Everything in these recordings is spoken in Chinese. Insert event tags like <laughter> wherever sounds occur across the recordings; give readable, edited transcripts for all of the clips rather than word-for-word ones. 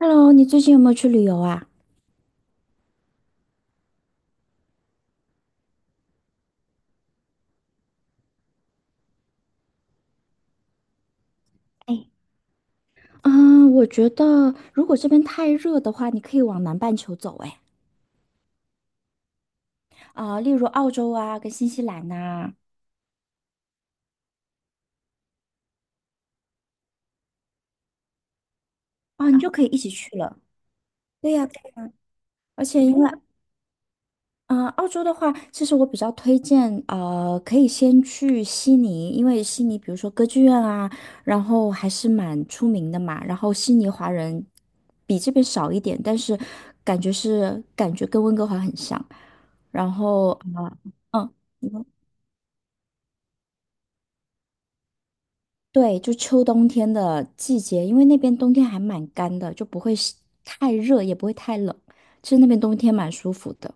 Hello，你最近有没有去旅游啊？哎，嗯，我觉得如果这边太热的话，你可以往南半球走，哎，啊，例如澳洲啊，跟新西兰呐，啊，你就可以一起去了。对呀，对呀，而且因为澳洲的话，其实我比较推荐，可以先去悉尼，因为悉尼比如说歌剧院啊，然后还是蛮出名的嘛。然后悉尼华人比这边少一点，但是感觉跟温哥华很像。然后嗯，你说对，就秋冬天的季节，因为那边冬天还蛮干的，就不会是太热，也不会太冷。其实那边冬天蛮舒服的。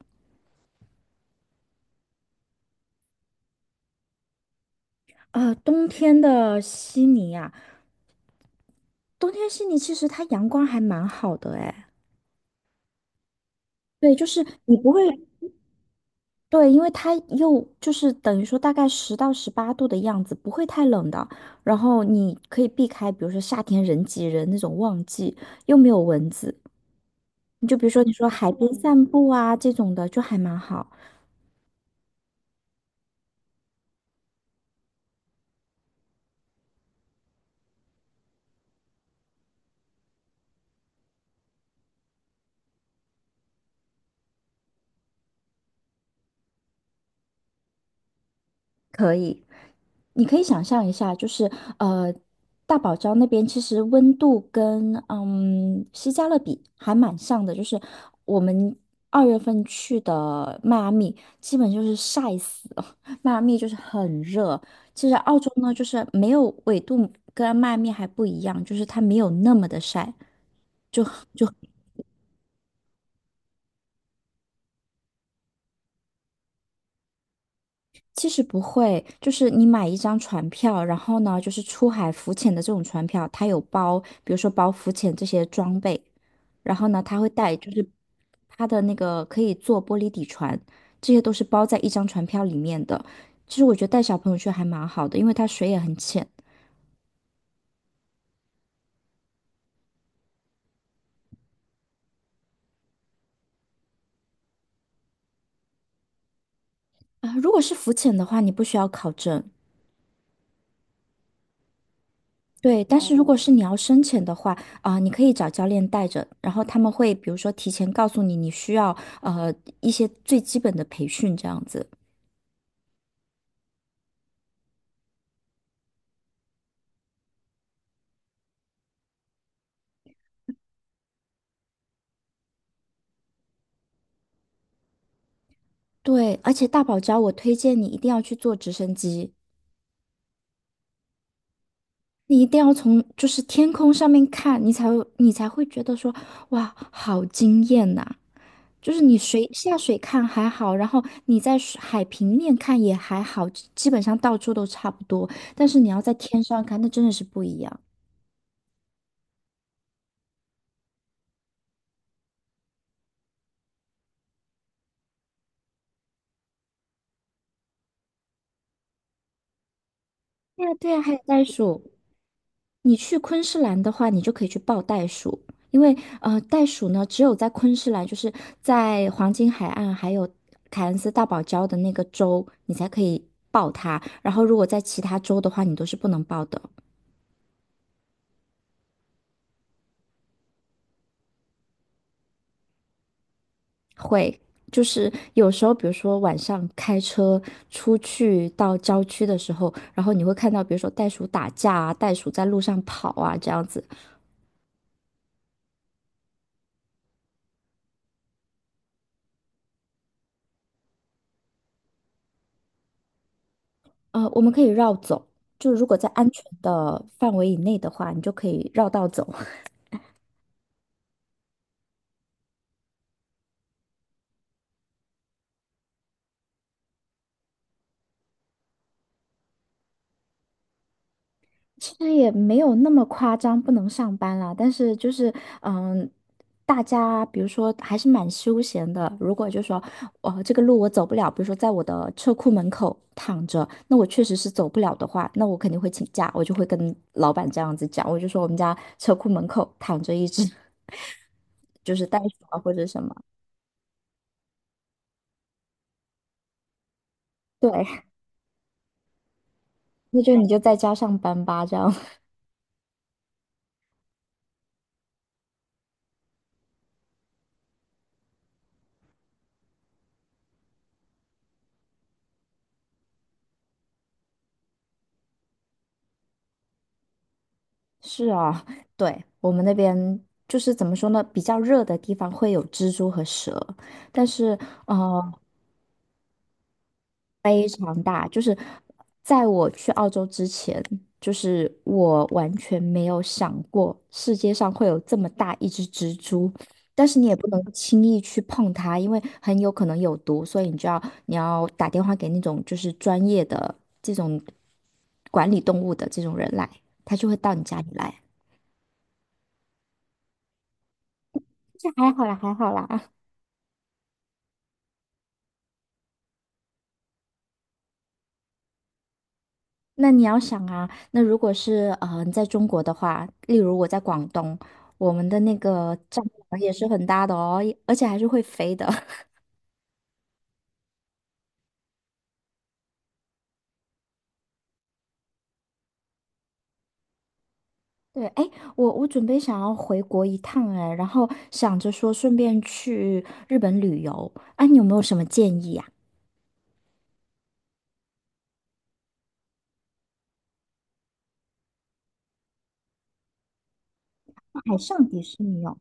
冬天的悉尼啊，冬天悉尼其实它阳光还蛮好的哎，对，就是你不会对，因为它又就是等于说大概10到18度的样子，不会太冷的。然后你可以避开，比如说夏天人挤人那种旺季，又没有蚊子。你就比如说你说海边散步啊这种的，就还蛮好。可以，你可以想象一下，就是呃，大堡礁那边其实温度跟西加勒比还蛮像的，就是我们2月份去的迈阿密，基本就是晒死了。<laughs> 迈阿密就是很热，其实澳洲呢就是没有纬度跟迈阿密还不一样，就是它没有那么的晒。其实不会，就是你买一张船票，然后呢，就是出海浮潜的这种船票，它有包，比如说包浮潜这些装备。然后呢，他会带就是他的那个可以坐玻璃底船，这些都是包在一张船票里面的。其实我觉得带小朋友去还蛮好的，因为它水也很浅啊、如果是浮潜的话，你不需要考证。对，但是如果是你要深潜的话，啊、你可以找教练带着，然后他们会比如说提前告诉你你需要呃一些最基本的培训这样子。对，而且大堡礁我推荐你一定要去坐直升机，你一定要从就是天空上面看，你才会觉得说，哇，好惊艳呐、就是你水下水看还好，然后你在水海平面看也还好，基本上到处都差不多。但是你要在天上看，那真的是不一样。对呀，对呀，还有袋鼠。你去昆士兰的话，你就可以去抱袋鼠，因为袋鼠呢，只有在昆士兰，就是在黄金海岸还有凯恩斯大堡礁的那个州，你才可以抱它。然后，如果在其他州的话，你都是不能抱的。会，就是有时候，比如说晚上开车出去到郊区的时候，然后你会看到，比如说袋鼠打架啊，袋鼠在路上跑啊，这样子。我们可以绕走，就如果在安全的范围以内的话，你就可以绕道走。其实也没有那么夸张，不能上班啦，但是就是，嗯，大家比如说还是蛮休闲的。如果就说，哦，这个路我走不了，比如说在我的车库门口躺着，那我确实是走不了的话，那我肯定会请假，我就会跟老板这样子讲，我就说我们家车库门口躺着一只 <laughs> 就是袋鼠啊或者什么，对，<laughs> 那就你就在家上班吧，这样。是啊，<laughs> 对，我们那边就是怎么说呢，比较热的地方会有蜘蛛和蛇，但是呃非常大，就是在我去澳洲之前，就是我完全没有想过世界上会有这么大一只蜘蛛，但是你也不能轻易去碰它，因为很有可能有毒，所以你要打电话给那种就是专业的这种管理动物的这种人来，他就会到你家里来。这还好啦，还好啦。那你要想啊，那如果是你在中国的话，例如我在广东，我们的那个帐篷也是很大的哦，而且还是会飞的。<laughs> 对，哎，我准备想要回国一趟，哎，然后想着说顺便去日本旅游，啊，你有没有什么建议呀、海上迪士尼哦，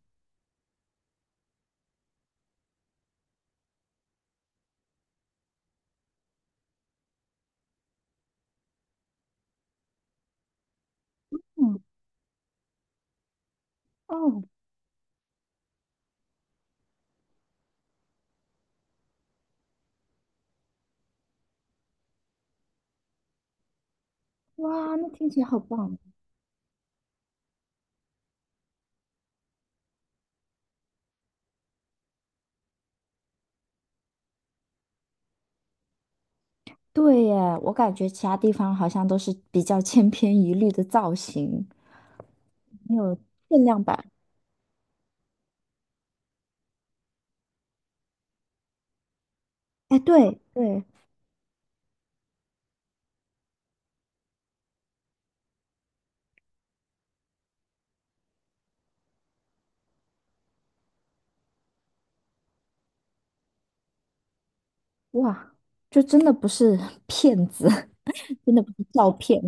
嗯，哦，哇，那听起来好棒。对耶，我感觉其他地方好像都是比较千篇一律的造型，没有限量版。哎，对对，哇，就真的不是 <laughs> 骗子，<laughs> 真的不是照片。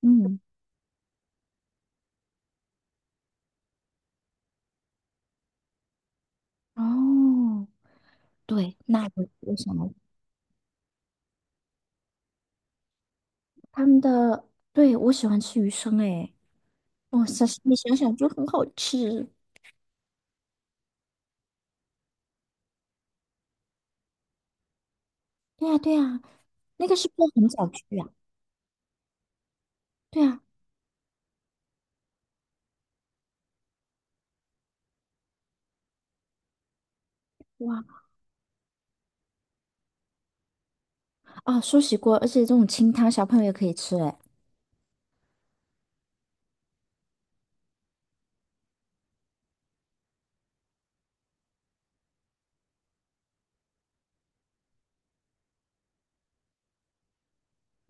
嗯，哦，对，那个我想了他们的，对，我喜欢吃鱼生诶，哦，想你想想就很好吃。对呀，对呀，那个是不是很早去啊？对啊，哇，啊，寿喜锅，而且这种清汤小朋友也可以吃诶。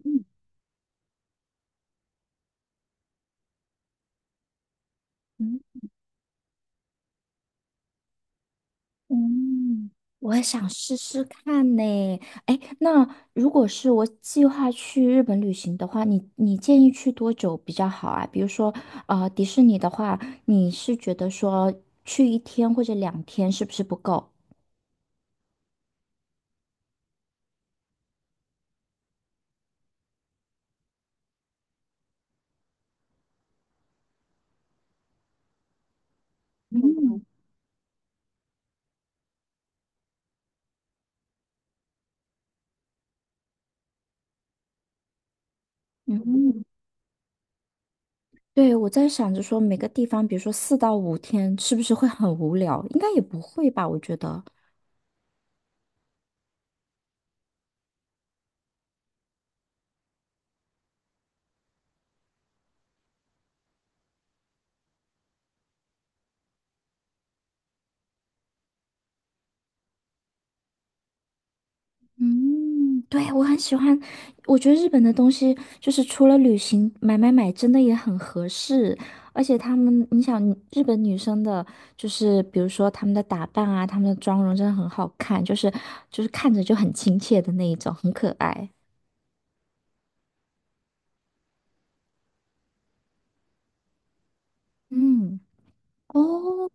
嗯嗯，我也想试试看呢。哎，那如果是我计划去日本旅行的话，你建议去多久比较好啊？比如说，迪士尼的话，你是觉得说去1天或者2天是不是不够？嗯嗯对，我在想着说每个地方，比如说4到5天，是不是会很无聊？应该也不会吧，我觉得。嗯，对，我很喜欢，我觉得日本的东西就是除了旅行买买买，真的也很合适。而且他们，你想日本女生的，就是比如说她们的打扮啊，她们的妆容真的很好看，就是看着就很亲切的那一种，很可爱。嗯，哦，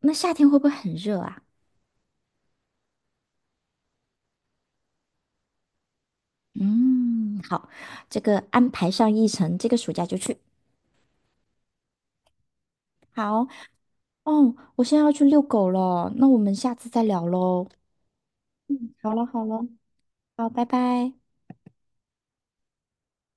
那夏天会不会很热啊？嗯，好，这个安排上议程，这个暑假就去。好，哦，我现在要去遛狗了，那我们下次再聊喽。嗯，好了好了。好，拜拜。